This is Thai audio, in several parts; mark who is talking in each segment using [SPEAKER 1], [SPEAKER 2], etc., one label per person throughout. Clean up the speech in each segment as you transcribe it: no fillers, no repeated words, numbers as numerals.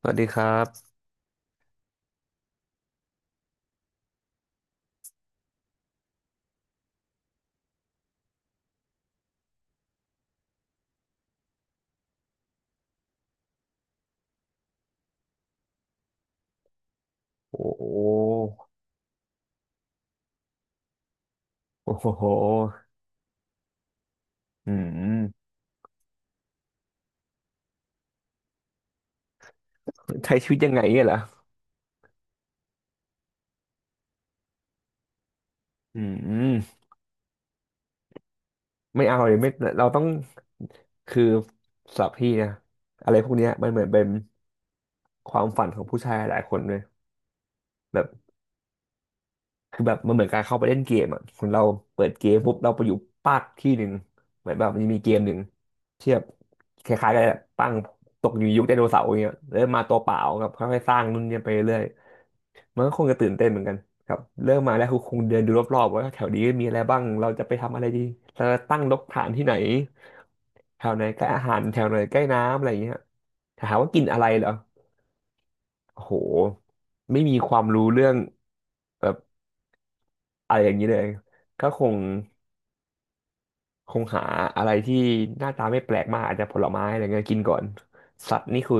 [SPEAKER 1] สวัสดีครับโอ้โหโอ้โหอืมใช้ชีวิตยังไงเนี่ยเหรออืมไม่เอาเลยไม่เราต้องคือสำหรับพี่นะอะไรพวกเนี้ยมันเหมือนเป็นความฝันของผู้ชายหลายคนเลยแบบคือแบบมันเหมือนการเข้าไปเล่นเกมอ่ะคนเราเปิดเกมปุ๊บเราไปอยู่ปากที่หนึ่งเหมือนแบบมันมีเกมหนึ่งที่แบบคล้ายๆกันแหละตั้งตกอยู่ยุคไดโนเสาร์อย่างเงี้ยแล้วมาตัวเปล่ากับค่อยๆสร้างนู่นเนี่ยไปเรื่อย มันก็คงจะตื่นเต้นเหมือนกันครับเริ่มมาแล้วคือคงเดินดูรอบๆว่าแถวนี้มีอะไรบ้าง เราจะไปทำอะไรดีเราจะตั้งรกฐานที่ไหนแถวไหนใกล้อาหารแถวไหนใกล้น้ำอะไรอย่างเงี้ยถามว่ากินอะไรเหรอโอ้โหไม่มีความรู้เรื่องแบบอะไรอย่างนี้เลย ก็คงคงหาอะไรที่หน้าตาไม่แปลกมากอาจจะผลไม้อะไรเงี้ยกินก่อน สัตว์นี่คือ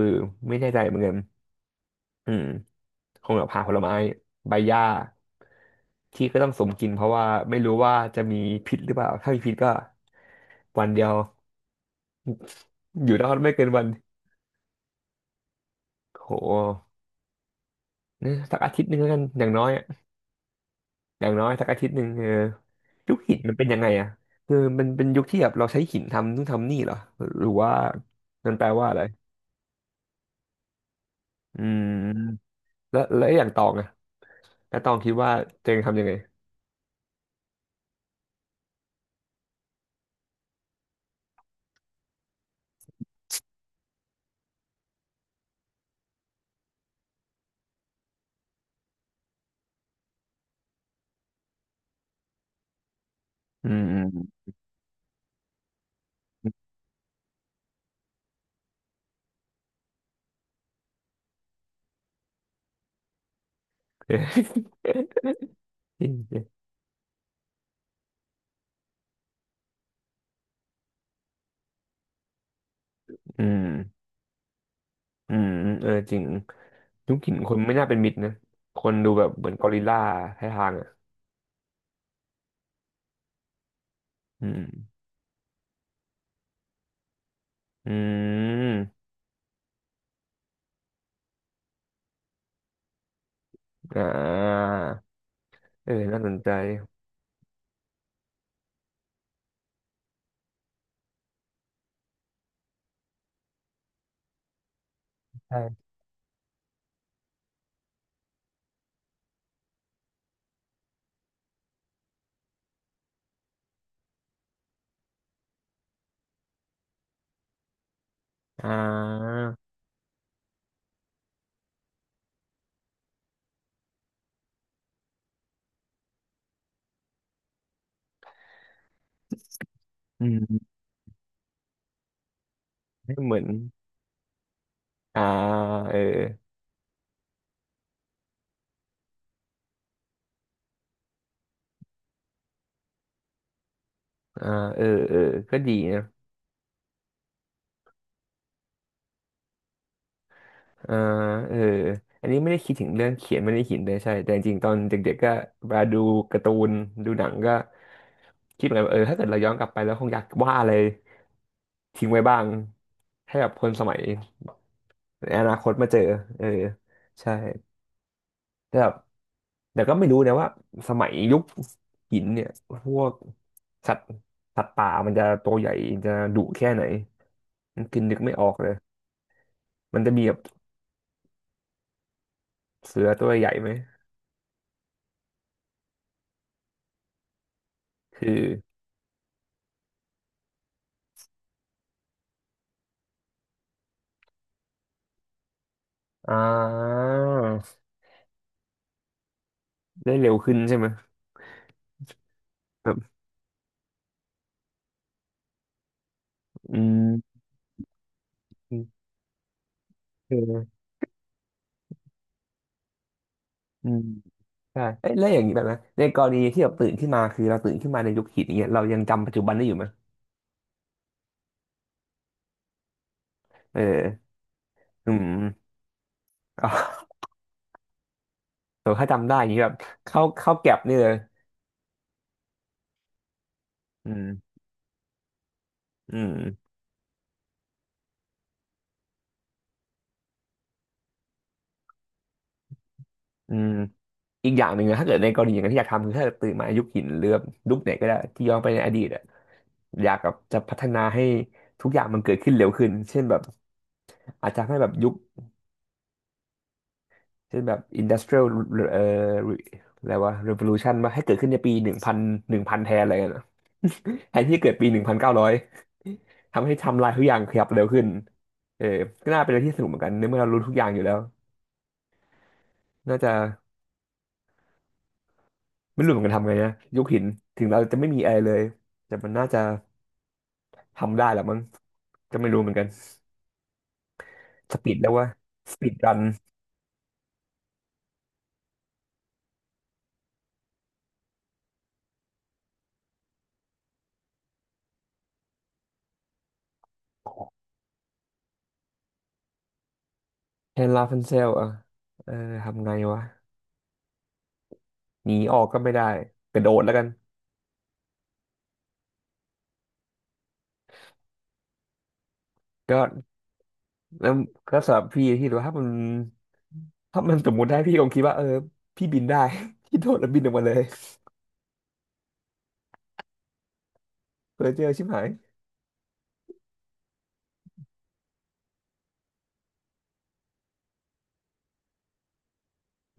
[SPEAKER 1] ไม่แน่ใจเหมือนกัน อืมคงแบบหาผลไม้ใบหญ้าที่ก็ต้องสมกินเพราะว่าไม่รู้ว่าจะมีพิษหรือเปล่าถ้ามีพิษก็วันเดียวอยู่รอดไม่เกินวันโหเนี่ยสักอาทิตย์หนึ่งแล้วกันอย่างน้อยอะอย่างน้อยสักอาทิตย์หนึ่งเออยุคหินมันเป็นยังไงอะคือมันเป็นยุคที่แบบเราใช้หินทำนู่นทำนี่เหรอหรือว่ามันแปลว่าอะไรอืมแล้วแล้วไออย่างตองอะแล้วตองคิดว่าเจงทำยังไงอืมอืม อืม อืมอืมเออจริงยุคหินคนไม่น่าเป็นมิตรนะคนดูแบบเหมือนกอริลลาให้ทางอ่ะอืมอืมอ่าเออน่าสนใจใช่อ่าอืมให้เหมือนอ่าเอออ่าเออเออก็ดีนะอ่าเอออันนี้ไม่ได้คิดถึงเรื่องเขียนไม่ได้หินเลยใช่แต่จริงๆตอนเด็กๆก็เวลาดูการ์ตูนดูหนังก็คิดเหมือนกันว่าเออถ้าเกิดเราย้อนกลับไปแล้วคงอยากวาดอะไรทิ้งไว้บ้างให้แบบคนสมัย ในอนาคตมาเจอเออใช่แต่แบบแต่ก็ไม่รู้นะว่าสมัยยุคหินเนี่ยพวกสัตว์สัตว์ป่ามันจะตัวใหญ่จะดุแค่ไหนมันคือนึกไม่ออกเลยมันจะมีแบบเสือตัวใหญ่ไหมคืออ่าได้เร็วขึ้นใช่ไหมแบบอืมเอออืมใช่เอ้ยแล้วอย่างนี้แบบนะในกรณีที่แบบตื่นขึ้นมาคือเราตื่นขึ้นมาในยุคหินอย่างเงี้ยเรายังจำปัจจุบันได้อยู่ไหมเอออืม แต่ถ้าจำได้อย่างนี้แบบเข้าเข้าแก็บนี่เลยอืมอืมอืมอีกอย่างหนึ่งนะถ้าเกิดในกรณีอย่างนั้นที่อยากทำคือถ้าเกิดตื่นมายุคหินหรือแบบยุคไหนก็ได้ที่ย้อนไปในอดีตอะอยากแบบจะพัฒนาให้ทุกอย่างมันเกิดขึ้นเร็วขึ้นเช่นแบบอาจจะให้แบบยุคเช่นแบบ industrial เอ่ออะไรวะ revolution มาให้เกิดขึ้นในปี1000หนึ่งพันแทนอะไรเงี้ยนะ แทนที่จะเกิดปี1900ทำให้ไทำลายทุกอย่างขยับเร็วขึ้นเออก็น่าเป็นอะไรที่สนุกเหมือนกันในเมื่อเรารู้ทุกอย่างอยู่แล้วน่าจะ ไม่รู้เหมือนกันทำไงนะยกหินถึงเราจะไม่มีอะไรเลยแต่มันน่าจะทำได้แหละมั้งก็ไม่รู้เหมือนกันสปีดแล้วว่าสปีดรันแฮนด์ลาฟันเซลอ่ะเออทำไงวะหนีออกก็ไม่ได้กระโดดแล้วกันก็แล้วก็สำหรับพี่ที่รูว่าถ้ามันถ้ามันสมมติได้พี่คงคิดว่าเออพี่บินได้ พี่โดดแล้วบินออกมาเลยเพอเจอชิบหาย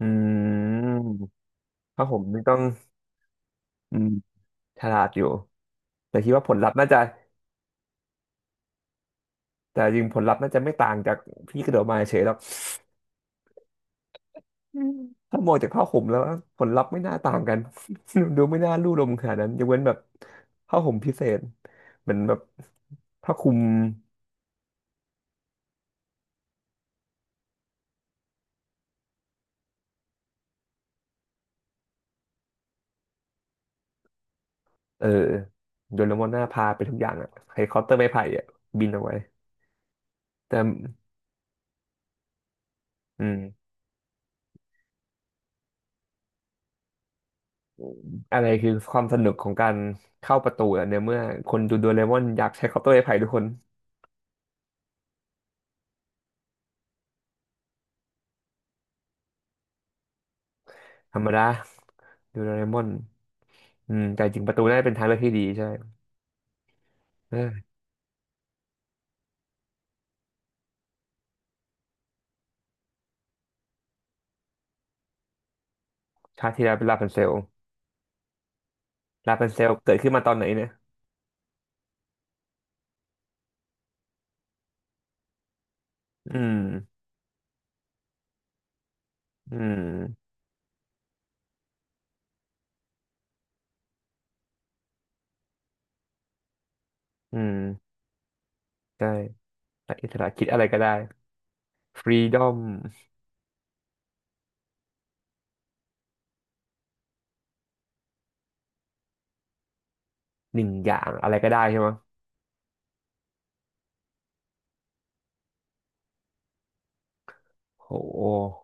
[SPEAKER 1] อืมถ้าผมนี่ต้องอืมฉลาดอยู่แต่คิดว่าผลลัพธ์น่าจะแต่จริงผลลัพธ์น่าจะไม่ต่างจากพี่กระโดดมาเฉยหรอก ถ้ามองจากผ้าห่มแล้วผลลัพธ์ไม่น่าต่างกัน ดูไม่น่าลู่ลมขนาดนั้นยกเว้นแบบผ้าห่มพิเศษเหมือนแบบผ้าคลุมเออโดเรมอนหน้าพาไปทุกอย่างอะไฮคอปเตอร์ไม้ไผ่อะบินเอาไว้แต่อืมอะไรคือความสนุกของการเข้าประตูอะเนี่ยเมื่อคนดูโดเรมอนอยากใช้คอปเตอร์ไม้ไผ่ทุกคนธรรมดาดูโดเรมอนอืมแต่จริงประตูน่าจะเป็นทางเลือกที่ดีใช่เออชาติที่แล้วเป็นลาพันเซลลาพันเซลเกิดขึ้นมาตอนไหนเนี่ยอืม อืมอืมใช่อิสระคิดอะไรก็ได้ฟรีดอมหนึ่งอย่างอะไรก็ได้ใช่ไหมโห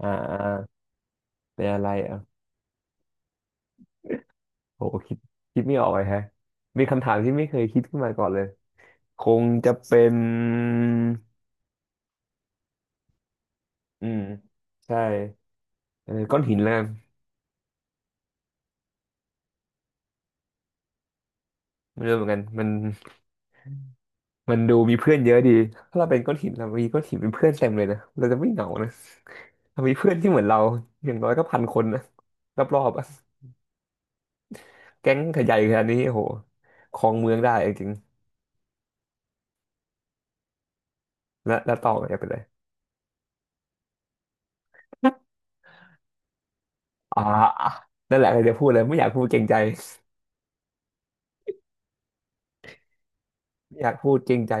[SPEAKER 1] อ่าอ่าเป็นอะไรอ่ะโหคิดคิดไม่ออกเลยแฮะมีคำถามที่ไม่เคยคิดขึ้นมาก่อนเลยคงจะเป็นอืมใช่เออก้อนหินแล้วกันไม่รู้เหมือนกันมันมันดูมีเพื่อนเยอะดีถ้าเราเป็นก้อนหินเรามีก้อนหินเป็นเพื่อนเต็มเลยนะเราจะไม่เหงานะเรามีเพื่อนที่เหมือนเราอย่างน้อยก็1000 คนนะรอบๆอะ แก๊งขยายขนาดนี้โอ้โหครองเมืองได้จริงๆแล้วแล้วต่อจะไปเลยอ่านั่นแหละกจะพูดเลยไม่อยากพูดเกรงใจไม่อยากพูดเกรงใจ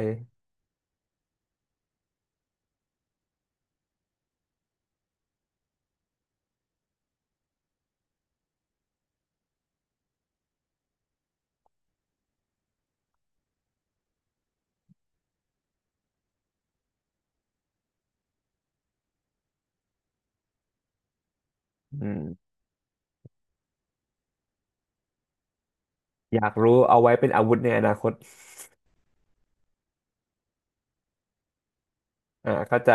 [SPEAKER 1] อืมอยากรู้เอาไว้เป็นอาวุธในอนาคตอ่าเข้าใจ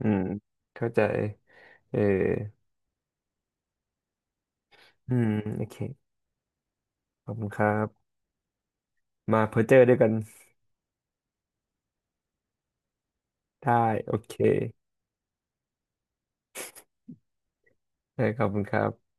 [SPEAKER 1] อืมเข้าใจเอออืมโอเคขอบคุณครับมาเพอเจอร์ด้วยกันได้โอเคได้ขอบคุณครับ